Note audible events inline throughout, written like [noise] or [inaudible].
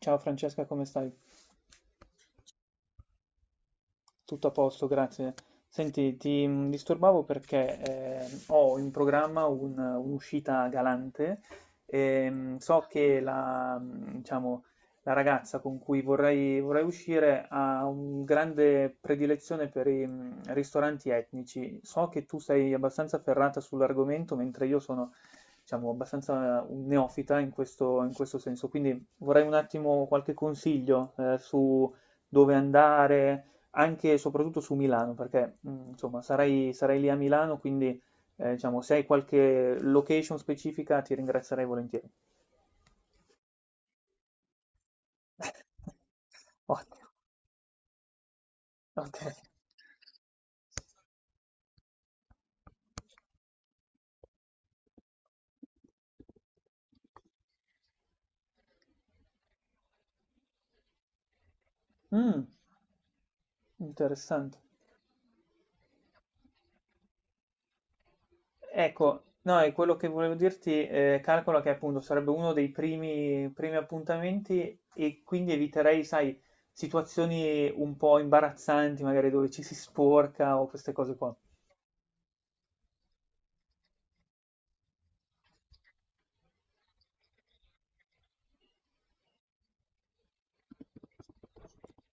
Ciao Francesca, come stai? Tutto a posto, grazie. Senti, ti disturbavo perché ho in programma un'uscita galante. So che diciamo, la ragazza con cui vorrei uscire ha un grande predilezione per i ristoranti etnici. So che tu sei abbastanza ferrata sull'argomento, mentre io sono, diciamo, abbastanza un neofita in questo senso. Quindi vorrei un attimo qualche consiglio su dove andare anche e soprattutto su Milano, perché insomma sarei lì a Milano, quindi diciamo, se hai qualche location specifica ti ringrazierei volentieri. [laughs] Ottimo, ok. Mm, interessante. Ecco, no, è quello che volevo dirti, calcola che appunto sarebbe uno dei primi appuntamenti e quindi eviterei, sai, situazioni un po' imbarazzanti, magari dove ci si sporca o queste cose qua.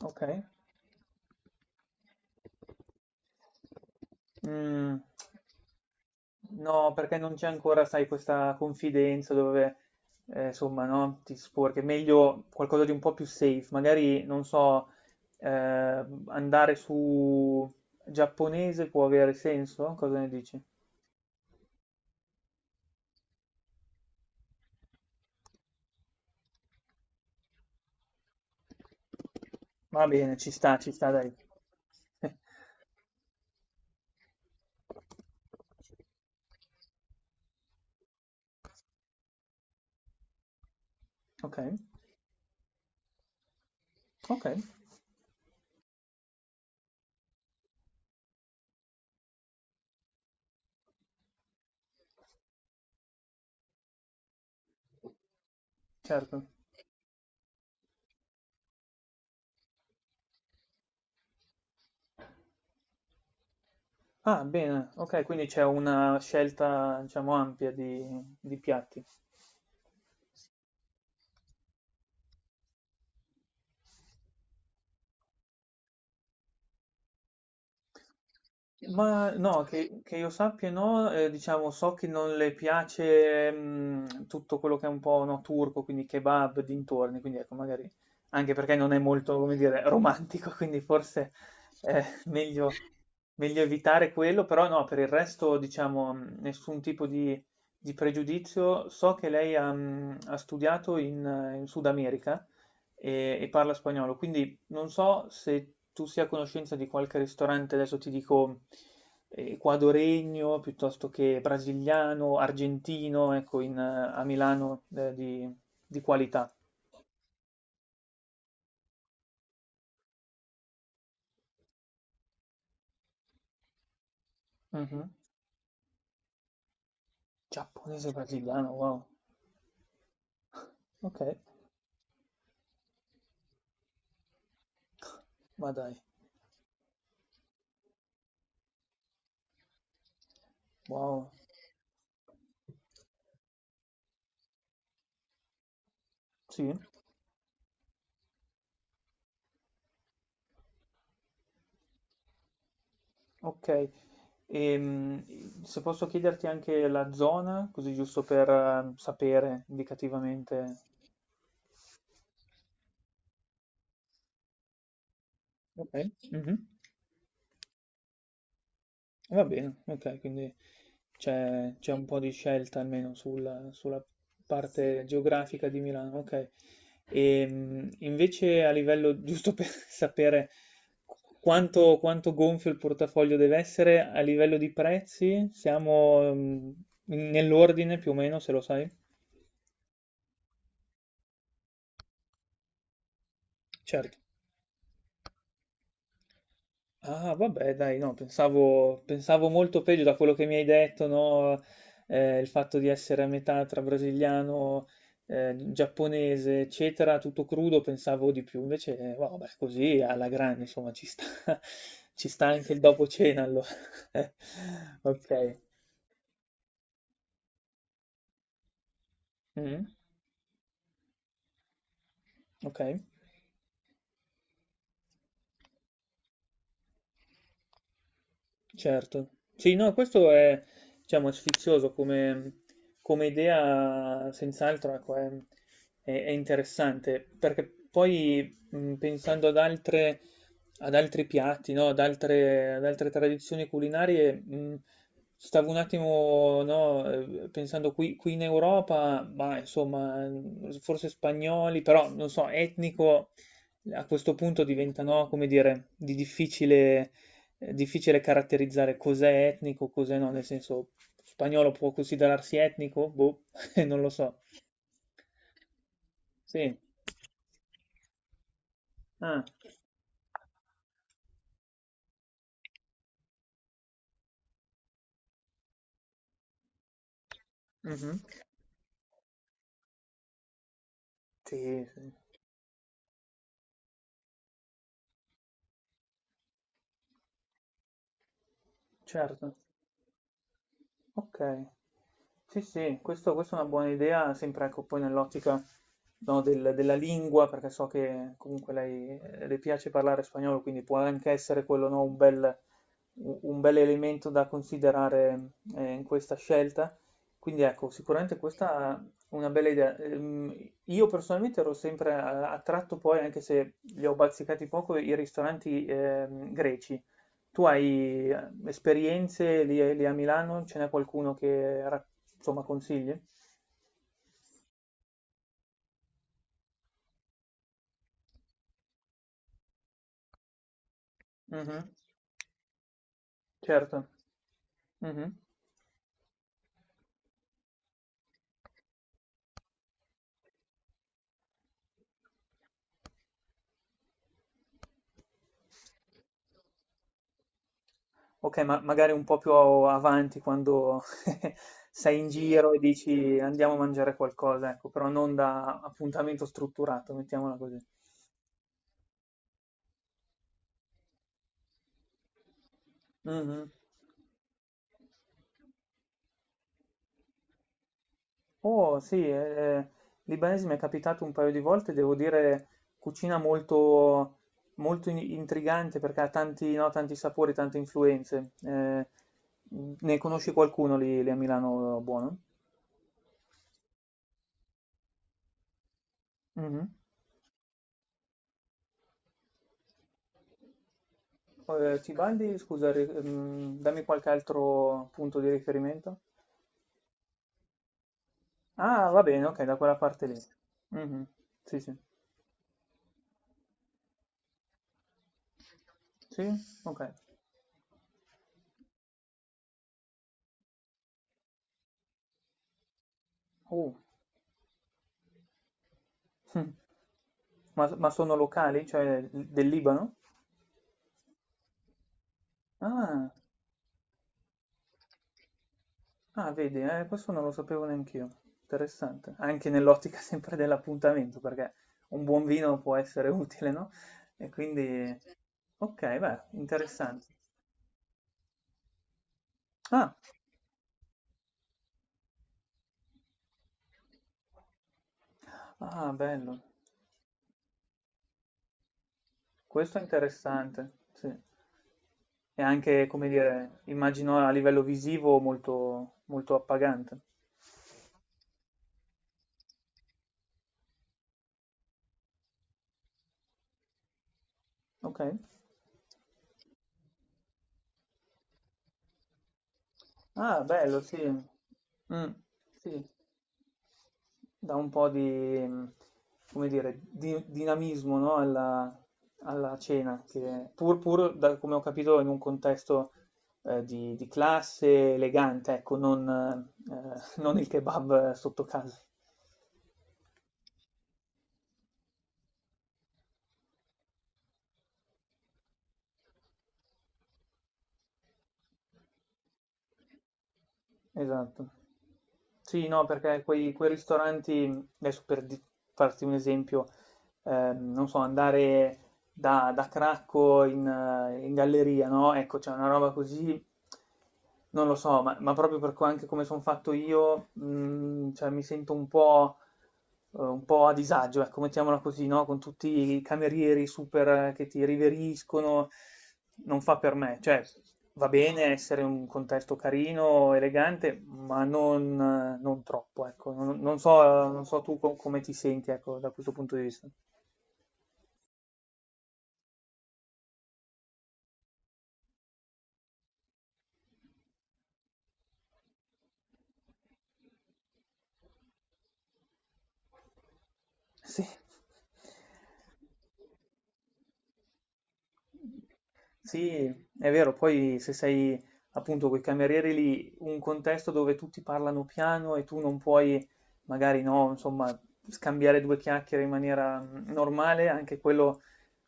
Ok. Mm. No, perché non c'è ancora, sai, questa confidenza dove, insomma, no, ti sporchi. È meglio qualcosa di un po' più safe. Magari, non so, andare su giapponese può avere senso? Cosa ne dici? Va bene, ci sta, dai. [laughs] Ok, ok, certo. Ah, bene, ok, quindi c'è una scelta, diciamo, ampia di piatti. Ma no, che io sappia no, diciamo so che non le piace tutto quello che è un po' no, turco, quindi kebab, dintorni, quindi ecco magari anche perché non è molto, come dire, romantico, quindi forse è meglio evitare quello, però no, per il resto diciamo nessun tipo di pregiudizio. So che lei ha studiato in Sud America e parla spagnolo, quindi non so se tu sia a conoscenza di qualche ristorante, adesso ti dico ecuadoregno piuttosto che brasiliano, argentino, ecco, a Milano di qualità. Mhm. Giapponese brasiliano, wow. Ok, ma dai, wow. Sì, ok. Se posso chiederti anche la zona, così giusto per sapere indicativamente. Ok. Mhm. Va bene, ok, quindi c'è un po' di scelta almeno sulla parte geografica di Milano, ok. E invece a livello, giusto per [laughs] sapere quanto gonfio il portafoglio deve essere, a livello di prezzi siamo nell'ordine più o meno, se lo sai. Ah, vabbè, dai, no, pensavo molto peggio da quello che mi hai detto, no? Il fatto di essere a metà tra brasiliano, giapponese, eccetera, tutto crudo, pensavo di più. Invece, vabbè, così alla grande, insomma, ci sta, [laughs] ci sta anche il dopo cena, allora. [laughs] Ok. Mm, ok. Certo, sì, no, questo è, diciamo, sfizioso come idea, senz'altro, ecco, è interessante, perché poi pensando ad altri piatti, no, ad altre tradizioni culinarie, stavo un attimo, no, pensando qui in Europa, ma insomma, forse spagnoli, però non so, etnico a questo punto diventa, no, come dire, di difficile è difficile caratterizzare cos'è etnico, cos'è no, nel senso spagnolo può considerarsi etnico? Boh, [laughs] non lo so. Sì. Ah, mhm. Sì, sì, certo. Okay. Sì, sì, questo questa è una buona idea, sempre ecco poi nell'ottica, no, della lingua, perché so che comunque lei, le piace parlare spagnolo, quindi può anche essere quello, no, un bell'elemento da considerare, in questa scelta. Quindi ecco, sicuramente questa è una bella idea. Io personalmente ero sempre a attratto poi, anche se li ho bazzicati poco, i ristoranti, greci. Tu hai esperienze lì a Milano? Ce n'è qualcuno che insomma consigli? Mhm, certo. Mhm. Ok, ma magari un po' più avanti quando [laughs] sei in giro e dici andiamo a mangiare qualcosa, ecco, però non da appuntamento strutturato, mettiamola così. Mhm. Oh sì, libanese mi è capitato un paio di volte, devo dire cucina molto, molto intrigante perché ha tanti, no, tanti sapori, tante influenze. Ne conosci qualcuno lì a Milano buono? Mhm. Tibaldi, scusa, dammi qualche altro punto di riferimento. Ah, va bene, ok, da quella parte lì. Mhm. Sì, sì. Sì? Ok. Oh. [laughs] Ma sono locali, cioè del Libano? Ah. Ah, vedi, questo non lo sapevo neanch'io. Interessante. Anche nell'ottica [laughs] sempre dell'appuntamento, perché un buon vino può essere utile, no? E quindi... Ok, beh, interessante. Ah, ah, bello. Questo è interessante, sì. E anche, come dire, immagino a livello visivo molto, molto appagante. Ok. Ah, bello, sì. Mm, sì. Dà un po' come dire, di dinamismo, no, alla cena, che pur da come ho capito in un contesto, di classe elegante, ecco, non il kebab sotto casa. Esatto. Sì, no, perché quei ristoranti adesso per di farti un esempio, non so, andare da Cracco in galleria, no? Ecco, c'è una roba così, non lo so, ma proprio anche come sono fatto io, cioè, mi sento un po' a disagio, ecco, mettiamola così, no? Con tutti i camerieri super che ti riveriscono, non fa per me, cioè va bene essere un contesto carino, elegante, ma non troppo, ecco, non so tu come ti senti, ecco, da questo punto di vista. Sì. Sì, è vero, poi se sei appunto quei camerieri lì, un contesto dove tutti parlano piano e tu non puoi, magari no, insomma, scambiare due chiacchiere in maniera normale, anche quello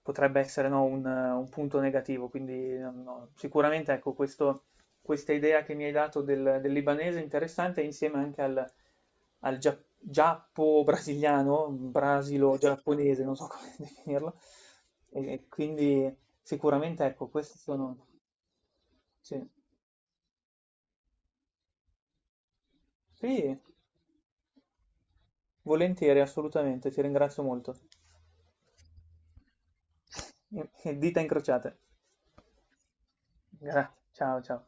potrebbe essere no, un punto negativo. Quindi no, no, sicuramente ecco, questa idea che mi hai dato del libanese è interessante insieme anche al giappo-brasiliano, brasilo-giapponese, non so [laughs] come definirlo. E quindi sicuramente, ecco, questi sono... Sì, sì, volentieri, assolutamente, ti ringrazio molto. [laughs] Dita incrociate. Grazie, ciao ciao.